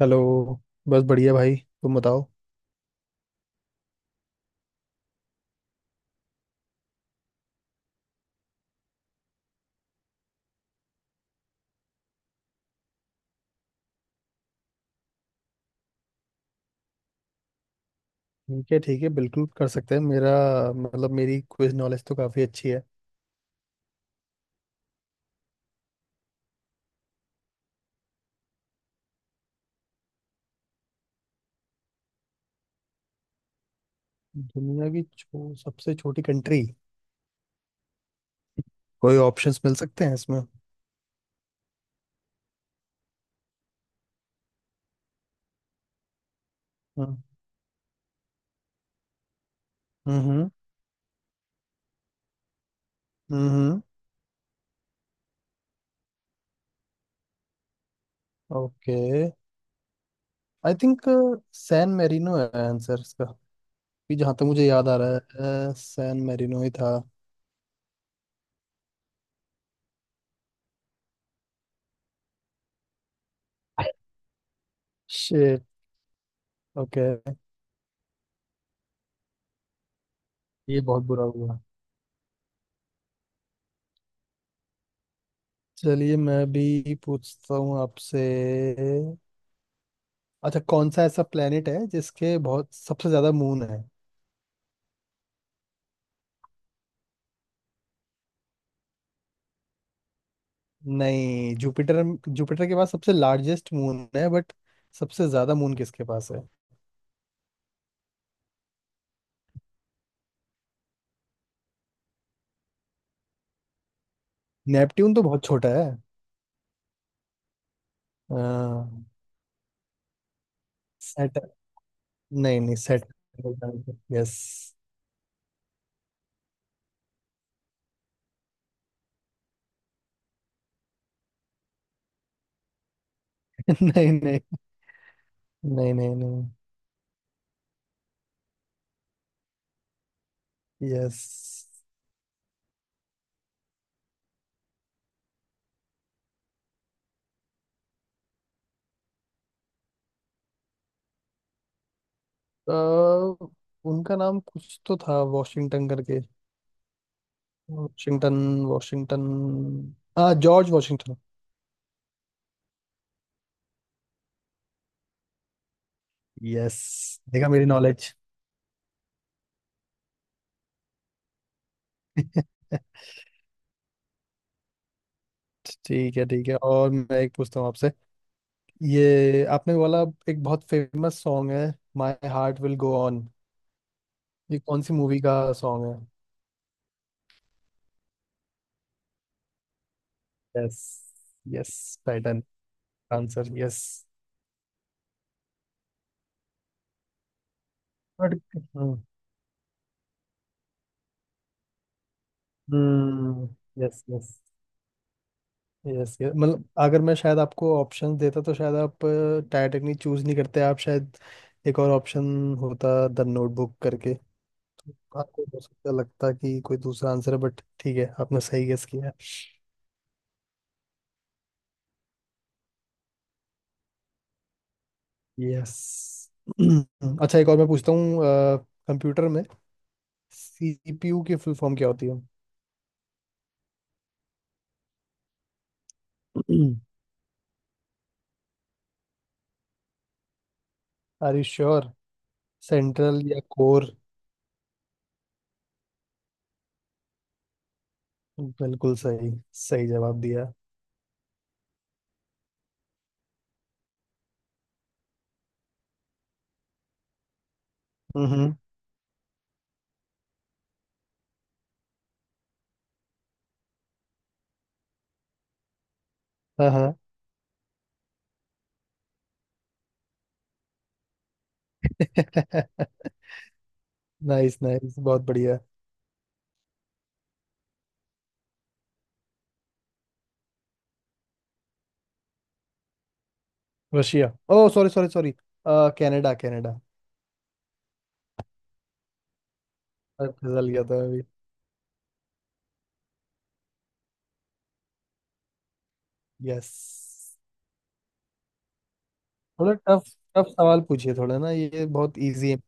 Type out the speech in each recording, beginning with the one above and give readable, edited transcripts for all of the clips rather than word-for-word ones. Hello. बस बढ़िया भाई, तुम बताओ। ठीक है बिल्कुल कर सकते हैं। मेरा मतलब मेरी क्विज नॉलेज तो काफ़ी अच्छी है। सबसे छोटी कंट्री, कोई ऑप्शंस मिल सकते हैं इसमें? हम्म हम्म हम्म, okay, I think San Marino है आंसर इसका। कि जहाँ तक मुझे याद आ रहा है, सैन मेरिनो ही था। शिट। ओके। ये बहुत बुरा हुआ। चलिए मैं भी पूछता हूँ आपसे। अच्छा कौन सा ऐसा प्लेनेट है जिसके बहुत सबसे ज्यादा मून है? नहीं, जुपिटर, जुपिटर के पास सबसे लार्जेस्ट मून है, बट सबसे ज्यादा मून किसके पास है? नेपट्यून तो बहुत छोटा है। आ, सेट, नहीं नहीं, सेट, यस। नहीं नहीं नहीं, नहीं नहीं। यस। तो उनका नाम कुछ तो था, वॉशिंगटन करके। वॉशिंगटन, वॉशिंगटन, हाँ जॉर्ज वॉशिंगटन। यस, देखा मेरी नॉलेज। ठीक है और मैं एक पूछता हूँ आपसे। ये आपने बोला, एक बहुत फेमस सॉन्ग है, my heart will go on, ये कौन सी मूवी का सॉन्ग है? Yes yes. Pattern answer. Yes, but hmm. Yes yes. Yes yes मतलब अगर मैं शायद आपको ऑप्शन देता तो शायद आप टाइटैनिक नहीं चूज नहीं करते आप शायद। एक और ऑप्शन होता द नोटबुक करके। आपको हो सकता लगता कि कोई दूसरा आंसर है, बट ठीक है, आपने सही गेस किया है। यस। अच्छा एक और मैं पूछता हूँ, कंप्यूटर में सीपीयू की फुल फॉर्म क्या होती है? Are you sure? सेंट्रल या कोर? बिल्कुल सही, सही जवाब दिया। हम्म। हाँ हाँ। नाइस नाइस, बहुत बढ़िया। Russia. Oh sorry sorry sorry, Canada Canada. फिसल गया था अभी। यस। थोड़ा टफ, टफ सवाल पूछिए थोड़ा ना, ये बहुत इजी है।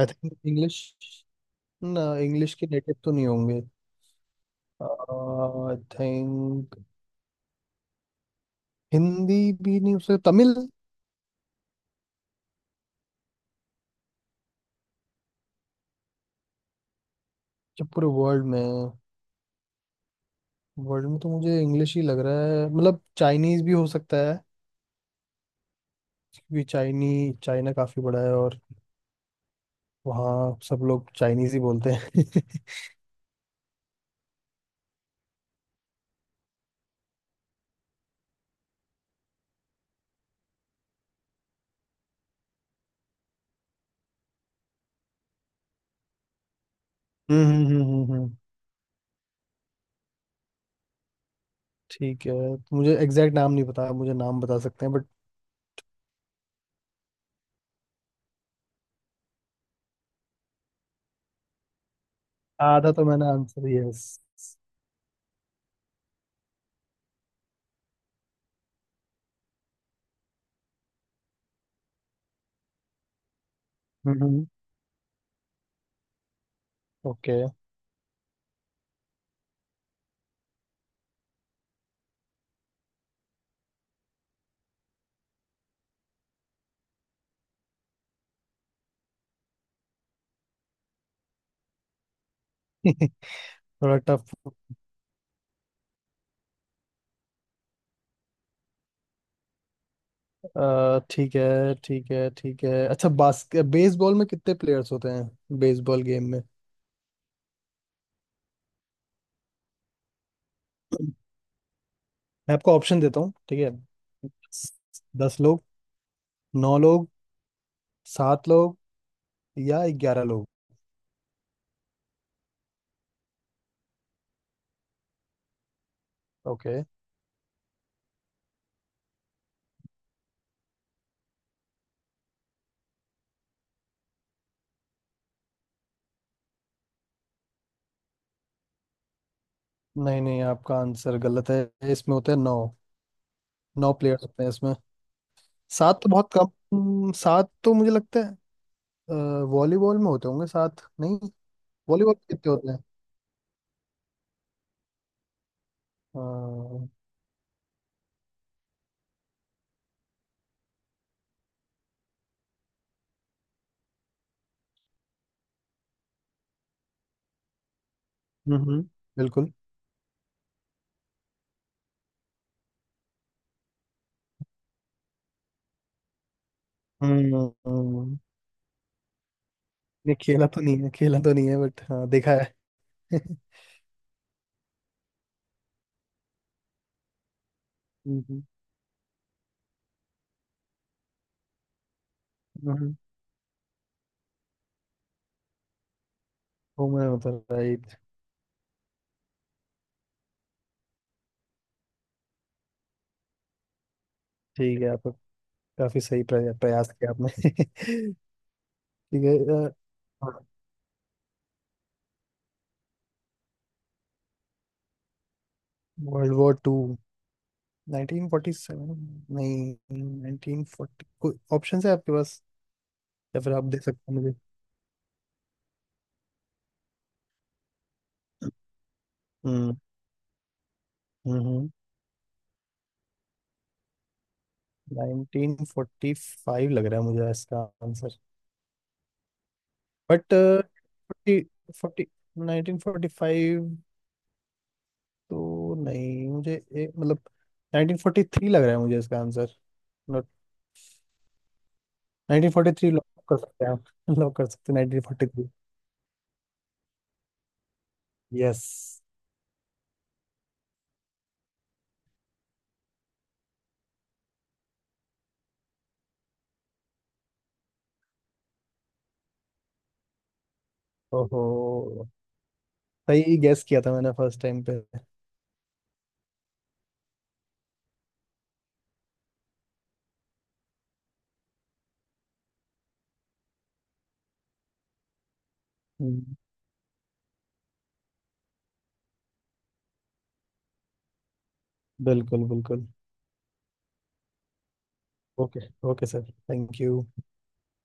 I think English. ना, इंग्लिश के नेटिव तो नहीं होंगे। आई थिंक हिंदी, भी नहीं, उसे तमिल। जब पूरे वर्ल्ड में तो मुझे इंग्लिश ही लग रहा है, मतलब चाइनीज भी हो सकता है। क्योंकि चाइनी चाइना काफी बड़ा है और वहाँ सब लोग चाइनीज ही बोलते हैं। हम्म हम्म हम्म हम्म, हम्म। ठीक है तो मुझे एग्जैक्ट नाम नहीं पता, मुझे नाम बता सकते हैं, बट आधा तो मैंने आंसर, यस। हम्म। ओके। थोड़ा टफ। ठीक है ठीक है ठीक है, अच्छा बास्केट बेसबॉल में कितने प्लेयर्स होते हैं, बेसबॉल गेम में? मैं आपको ऑप्शन देता हूँ, ठीक है? दस लोग, नौ लोग, सात लोग, या ग्यारह लोग? ओके, नहीं नहीं, आपका आंसर गलत है, इसमें होते हैं नौ, नौ प्लेयर्स होते हैं इसमें। सात तो बहुत कम। सात तो मुझे लगता है अ, वॉलीबॉल में होते होंगे सात, नहीं? वॉलीबॉल में कितने होते हैं? अ, हम्म हम्म, बिल्कुल। हम्म हम्म, नहीं खेला तो नहीं है, खेला तो नहीं है बट हाँ देखा है। हम्म। हम्म, होमर होता है, राइट। ठीक है आप काफी सही प्रयास किया आपने। ठीक है। वर्ल्ड वॉर टू, 1947, नहीं, 1940, कोई ऑप्शन है आपके पास या फिर आप दे सकते हैं मुझे? हम्म। हम्म। 1945 लग रहा है मुझे इसका आंसर। बट फोर्टी, फोर्टी, 1945 तो नहीं, मुझे एक मतलब 1943 लग रहा है मुझे इसका आंसर, मतलब 1943 लॉक कर सकते हैं आप। लॉक कर सकते हैं 1943। यस। ओहो, सही गैस किया था मैंने फर्स्ट टाइम पे। हम्म, बिल्कुल बिल्कुल। Okay, okay sir, thank you.